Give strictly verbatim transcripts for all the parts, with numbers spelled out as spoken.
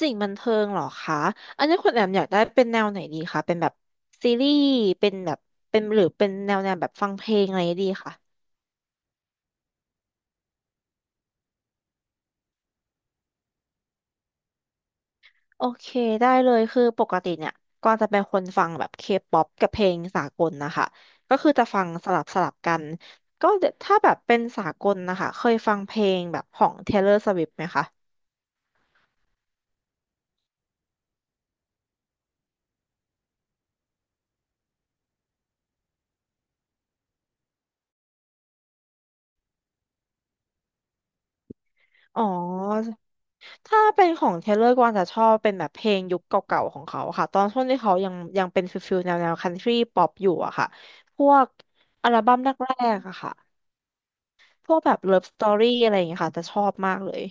สิ่งบันเทิงเหรอคะ อันนี้คุณแอมอยากได้เป็นแนวไหนดีคะ เป็นแบบซีรีส์เป็นแบบเป็นหรือเป็นแนวแนวแบบฟังเพลงอะไรดีคะ โอเคได้เลยคือปกติเนี่ยก็จะเป็นคนฟังแบบเคป๊อปกับเพลงสากลนะคะ ก็คือจะฟังสลับสลับกัน ก็เดี๋ยวถ้าแบบเป็นสากลนะคะ เคยฟังเพลงแบบของ Taylor Swift ไหมคะ อ๋อ ถ้าเป็นของเทเลอร์กวางจะชอบเป็นแบบเพลงยุคเก่าๆของเขาค่ะตอนช่วงที่เขายังยังเป็นฟิลฟิลแนวแนวคันทรีป๊อปอยู่อะค่ะพวกอัลบั้มแรกๆอะค่ะพวกแบบเลิฟสตอรี่อะไรอย่างเงี้ยค่ะจะชอบมากเลย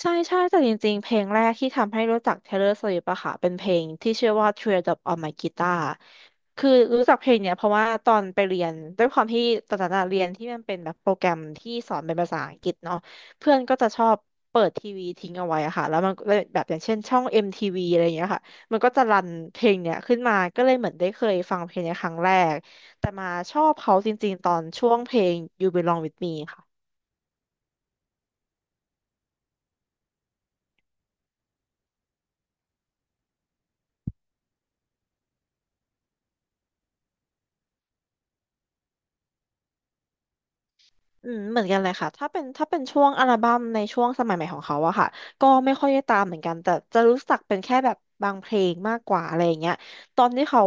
ใช่ใช่แต่จริงๆ เพลงแรกที่ทำให้รู้จัก Taylor Swift อะค่ะเป็นเพลงที่ชื่อว่า Teardrop on My Guitar คือรู้จักเพลงเนี้ยเพราะว่าตอนไปเรียนด้วยความที่ตอนนั้นอะเรียนที่มันเป็นแบบโปรแกรมที่สอนเป็นภาษาอังกฤษเนาะเพื่อนก็จะชอบเปิดทีวีทิ้งเอาไว้อะค่ะแล้วมันก็แบบอย่างเช่นช่อง เอ็ม ที วี อมทีวีอะไรอย่างเงี้ยค่ะมันก็จะรันเพลงเนี้ยขึ้นมาก็เลยเหมือนได้เคยฟังเพลงเนี้ยครั้งแรกแต่มาชอบเขาจริงๆตอนช่วงเพลง You Belong With Me ค่ะ อืมเหมือนกันเลยค่ะ ถ้าเป็นถ้าเป็นช่วงอัลบั้มในช่วงสมัยใหม่ของเขาอะค่ะก็ไม่ค่อยได้ตามเหมือนกัน แต่จะรู้จักเป็นแค่แบบบางเพลงมากกว่าอะไรอย่างเงี้ย ตอนที่เขา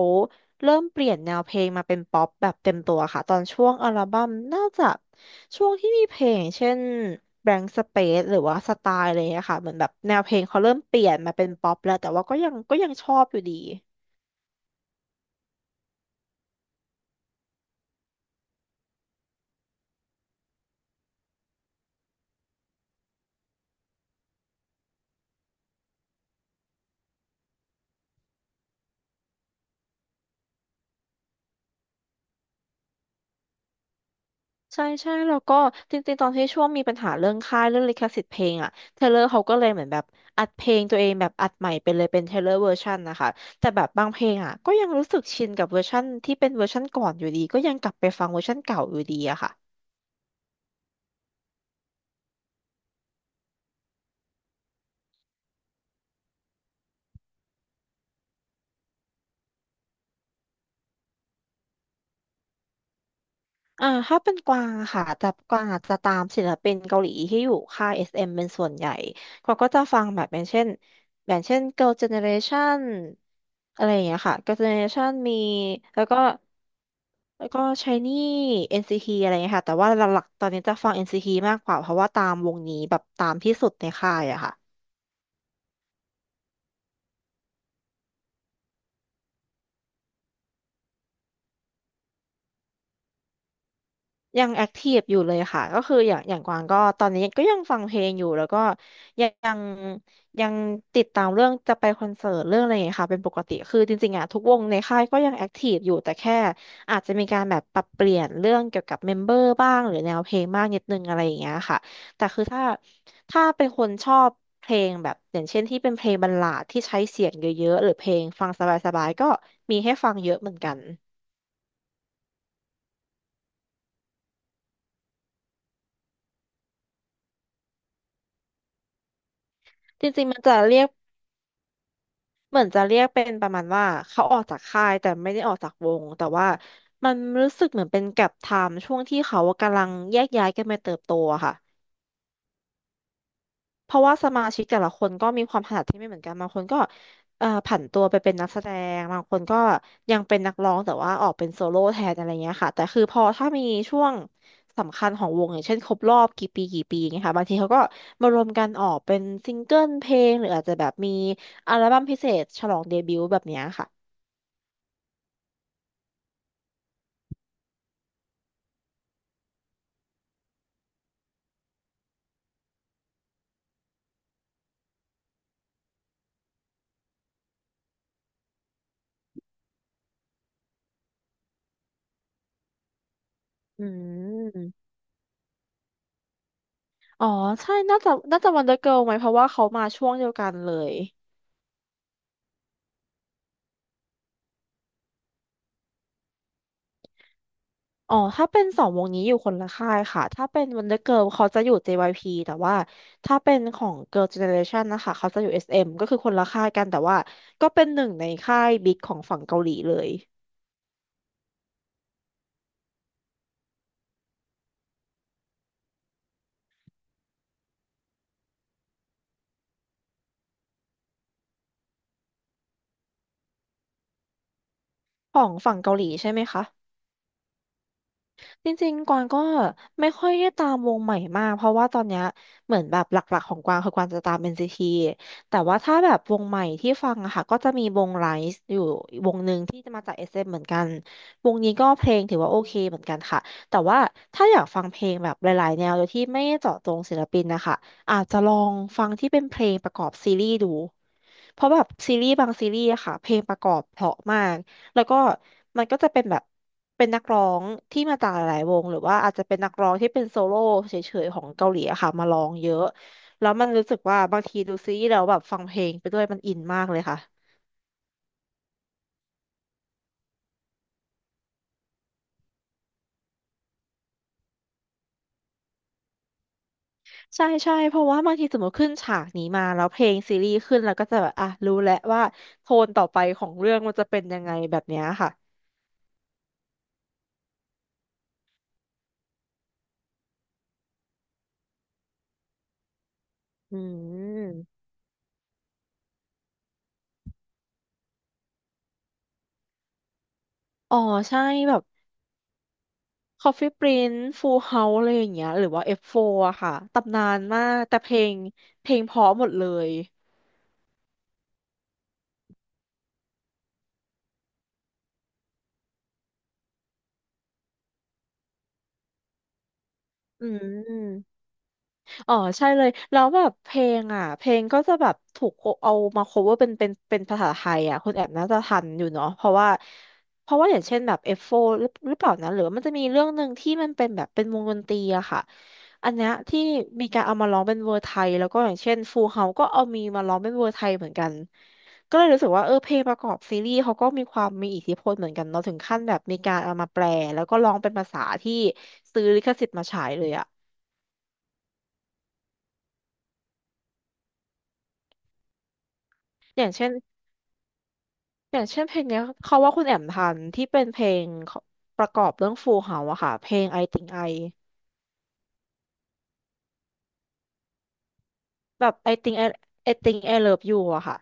เริ่มเปลี่ยนแนวเพลงมาเป็นป๊อปแบบเต็มตัวค่ะ ตอนช่วงอัลบั้มน่าจะช่วงที่มีเพลงเช่น Blank Space หรือว่าสไตล์อะไรอย่างเงี้ยค่ะเหมือนแบบแนวเพลงเขาเริ่มเปลี่ยนมาเป็นป๊อปแล้วแต่ว่าก็ยังก็ยังชอบอยู่ดี ใช่ใช่แล้วก็จริงๆตอนที่ช่วงมีปัญหาเรื่องค่ายเรื่องลิขสิทธิ์เพลงอะเทเลอร์เขาก็เลยเหมือนแบบอัดเพลงตัวเองแบบอัดใหม่ไปเลยเป็นเทเลอร์เวอร์ชันนะคะแต่แบบบางเพลงอะก็ยังรู้สึกชินกับเวอร์ชันที่เป็นเวอร์ชันก่อนอยู่ดีก็ยังกลับไปฟังเวอร์ชันเก่าอยู่ดีอะค่ะ อ่าถ้าเป็นกวางอะค่ะแต่กวางอาจจะตามศิลปินเกาหลีที่อยู่ค่าย เอส เอ็ม เอ็มเป็นส่วนใหญ่กวางก็จะฟังแบบอย่างเช่นอย่างเช่น Girl Generation อะไรอย่างเงี้ยค่ะ Girl Generation มีแล้วก็แล้วก็ s h i n น e ีทีอะไรอย่างเงี้ยค่ะแต่ว่าหลักๆตอนนี้จะฟัง n c ีทีมากกว่าเพราะว่าตามวงนี้แบบตามที่สุดในค่ายอะค่ะ ยังแอคทีฟอยู่เลยค่ะก็คืออย่างอย่างกวางก็ตอนนี้ก็ยังฟังเพลงอยู่แล้วก็ยังยังยังติดตามเรื่องจะไปคอนเสิร์ตเรื่องอะไรอย่างเงี้ยค่ะเป็นปกติคือจริงๆอ่ะทุกวงในค่ายก็ยังแอคทีฟอยู่แต่แค่อาจจะมีการแบบปรับเปลี่ยนเรื่องเกี่ยวกับเมมเบอร์บ้างหรือแนวเพลงบ้างนิดนึงอะไรอย่างเงี้ยค่ะแต่คือถ้าถ้าเป็นคนชอบเพลงแบบอย่างเช่นที่เป็นเพลงบัลลาดที่ใช้เสียงเยอะๆหรือเพลงฟังสบายๆก็มีให้ฟังเยอะเหมือนกันจริงๆมันจะเรียก เหมือนจะเรียกเป็นประมาณว่าเขาออกจากค่ายแต่ไม่ได้ออกจากวงแต่ว่ามันรู้สึกเหมือนเป็นแก็ปไทม์ช่วงที่เขากำลังแยกย้ายกันไปเติบโตอะค่ะเพราะว่าสมาชิกแต่ละคนก็มีความถนัดที่ไม่เหมือนกันบางคนก็เอ่อผันตัวไปเป็นนักแสดงบางคนก็ยังเป็นนักร้องแต่ว่าออกเป็นโซโล่แทนอะไรเงี้ยค่ะแต่คือพอถ้ามีช่วงสำคัญของวงอย่างเช่นครบรอบกี่ปีกี่ปีอย่างเงี้ยค่ะบางทีเขาก็มารวมกันออกเป็นซิงเกิลเพลงหรืออาจจะแบบมีอัลบั้มพิเศษฉลองเดบิวต์แบบเนี้ยค่ะ อืมอ๋อใช่น่าจะน่าจะวันเดอร์เกิลไหมเพราะว่าเขามาช่วงเดียวกันเลยอ๋อถ้าเป็นสองวงนี้อยู่คนละค่ายค่ะถ้าเป็นวันเดอร์เกิลเขาจะอยู่ เจ วาย พี แต่ว่าถ้าเป็นของ Girl Generation นะคะเขาจะอยู่ เอส เอ็ม ก็คือคนละค่ายกันแต่ว่าก็เป็นหนึ่งในค่ายบิ๊กของฝั่งเกาหลีเลยของฝั่งเกาหลีใช่ไหมคะจริงๆกวางก็ไม่ค่อยได้ตามวงใหม่มากเพราะว่าตอนเนี้ยเหมือนแบบหลักๆของกวางคือกวางจะตาม เอ็น ซี ที แต่ว่าถ้าแบบวงใหม่ที่ฟังอะค่ะก็จะมีวงไ i z e วงนี้ก็เพลงถือว่าโอเคเหมือนกันค่ะแต่ว่าถ้าอยากฟังเพลงแบบหลายๆแนวโดยที่ไม่เจาะจงศิลปินนะคะอาจจะลองฟังที่เป็นเพลงประกอบซีรีส์ดูเพราะแบบซีรีส์บางซีรีส์อะค่ะเพลงประกอบเพราะมากแล้วก็มันก็จะเป็นแบบเป็นนักร้องที่มาจากหลายๆวงหรือว่าอาจจะเป็นนักร้องที่เป็นโซโล่เฉยๆของเกาหลีอะค่ะมาร้องเยอะแล้วมันรู้สึกว่าบางทีดูซีรีส์แล้วแบบฟังเพลงไปด้วยมันอินมากเลยค่ะ ใช่ใช่เพราะว่าบางทีสมมติขึ้นฉากนี้มาแล้วเพลงซีรีส์ขึ้นแล้วก็จะแบบอ่ะรู้แล้วว่าโทนต่อไปของเรื่องมันจะเป็นยังไงแบบเนี้ยค่ะอืมอ๋อใช่แบบ Coffee Prince Full House อะไรอย่างเงี้ยหรือว่า เอฟ โฟร์ อฟโฟร์อะค่ะตำนานมากแต่เพลงเพลงเพราะหมดเลยอืม อ๋อใช่เลยแล้วแบบเพลงอ่ะเพลงก็จะแบบถูกเอามา cover เป็นเป็นเป็นภาษาไทยอ่ะคุณแอบน่าจะทันอยู่เนาะเพราะว่าเพราะว่าอย่างเช่นแบบเอฟโฟร์หรือหรือเปล่านะหรือว่ามันจะมีเรื่องหนึ่งที่มันเป็นแบบเป็นวงดนตรีอะค่ะอันเนี้ยที่มีการเอามาร้องเป็นเวอร์ไทยแล้วก็อย่างเช่นฟูเฮาก็เอามีมาร้องเป็นเวอร์ไทยเหมือนกันก็เลยรู้สึกว่าเออเพลงประกอบซีรีส์เขาก็มีความมีอิทธิพลเหมือนกันเนาะถึงขั้นแบบมีการเอามาแปลแล้วก็ร้องเป็นภาษาที่ซื้อลิขสิทธิ์มาฉายเลยอะอย่างเช่น อย่างเช่นเพลงเนี้ยเขาว่าคุณแอมทันที่เป็นเพลงของประกอบเรื่องฟูเฮาอะค่ะเพลง I Think I แบบ I Think I I Think I Love You อะค่ะ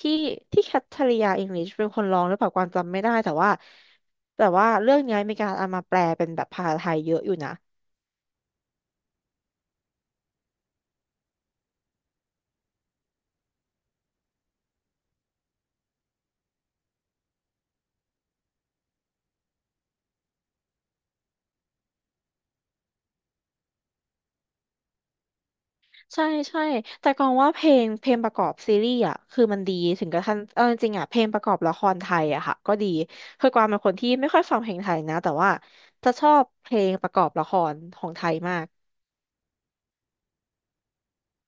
ที่ที่แคทริยาอิงลิชเป็นคนร้องหรือเปล่ากวางจำไม่ได้แต่ว่าแต่ว่าเรื่องเนี้ยมีการเอามาแปลเป็นแบบภาษาไทยเยอะอยู่นะใช่ใช่แต่กองว่าเพลงเพลงประกอบซีรีส์อะคือมันดีถึงกระทั่งเอาจริงๆอะเพลงประกอบละครไทยอะค่ะก็ดีคือกวางเป็นคนที่ไม่ค่อยฟังเพลงไทยนะแต่ว่าจะชอบเพลงประกอบละครของไทยมาก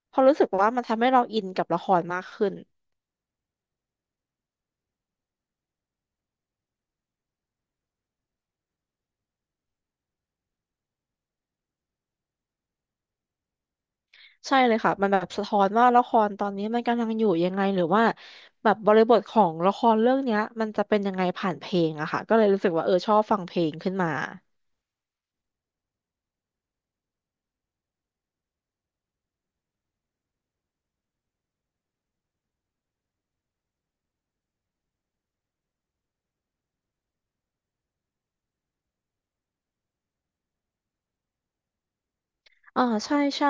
เพราะรู้สึกว่ามันทำให้เราอินกับละครมากขึ้นใช่เลยค่ะมันแบบสะท้อนว่าละครตอนนี้มันกำลังอยู่ยังไงหรือว่าแบบบริบทของละครเรื่องเนี้ยมันจะเป็นยังไงผ่านเพลงอะค่ะก็เลยรู้สึกว่าเออชอบฟังเพลงขึ้นมาอ่าใช่ใช่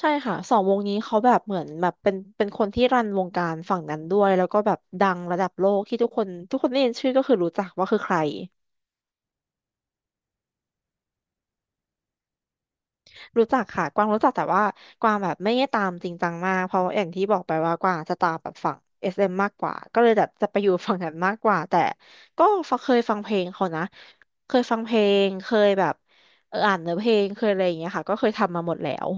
ใช่ค่ะสองวงนี้เขาแบบเหมือนแบบเป็นเป็นคนที่รันวงการฝั่งนั้นด้วยแล้วก็แบบดังระดับโลกที่ทุกคนทุกคนได้ยินชื่อก็คือรู้จักว่าคือใคร รู้จักค่ะกวางรู้จักแต่ว่ากวางแบบไม่ได้ตามจริงจังมากเพราะอย่างที่บอกไปว่ากวางจะตามแบบฝั่ง เอส เอ็ม มมากกว่าก็เลยแบบจะไปอยู่ฝั่งนั้นมากกว่าแต่ก็ฟังเคยฟังเพลงเขานะเคยฟังเพลงเคยแบบเอออ่านเนื้อเพลงเคยอะไรอย่างเงี้ยค่ะก็เคยทำมาหมดแล้ว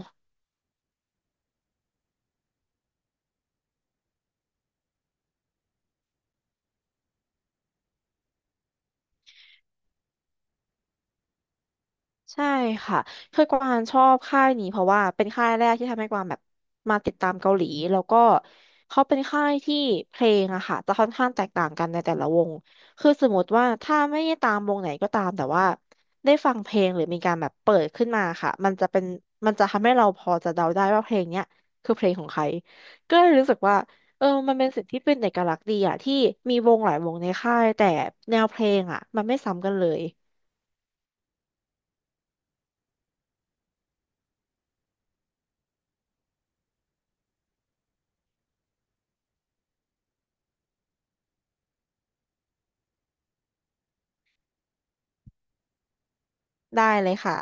ใช่ค่ะคือกวางชอบค่ายนี้เพราะว่าเป็นค่ายแรกที่ทำให้กวางแบบมาติดตามเกาหลีแล้วก็เขาเป็นค่ายที่เพลงอะค่ะจะค่อนข้างแตกต่างกันในแต่ละวงคือสมมติว่าถ้าไม่ได้ตามวงไหนก็ตามแต่ว่าได้ฟังเพลงหรือมีการแบบเปิดขึ้นมาค่ะมันจะเป็นมันจะทำให้เราพอจะเดาได้ว่าเพลงเนี้ยคือเพลงของใครก็เลยรู้สึกว่าเออมันเป็นสิ่งที่เป็นเอกลักษณ์ดีอะที่มีวงหลายวงในค่ายแต่แนวเพลงอะมันไม่ซ้ำกันเลยได้เลยค่ะ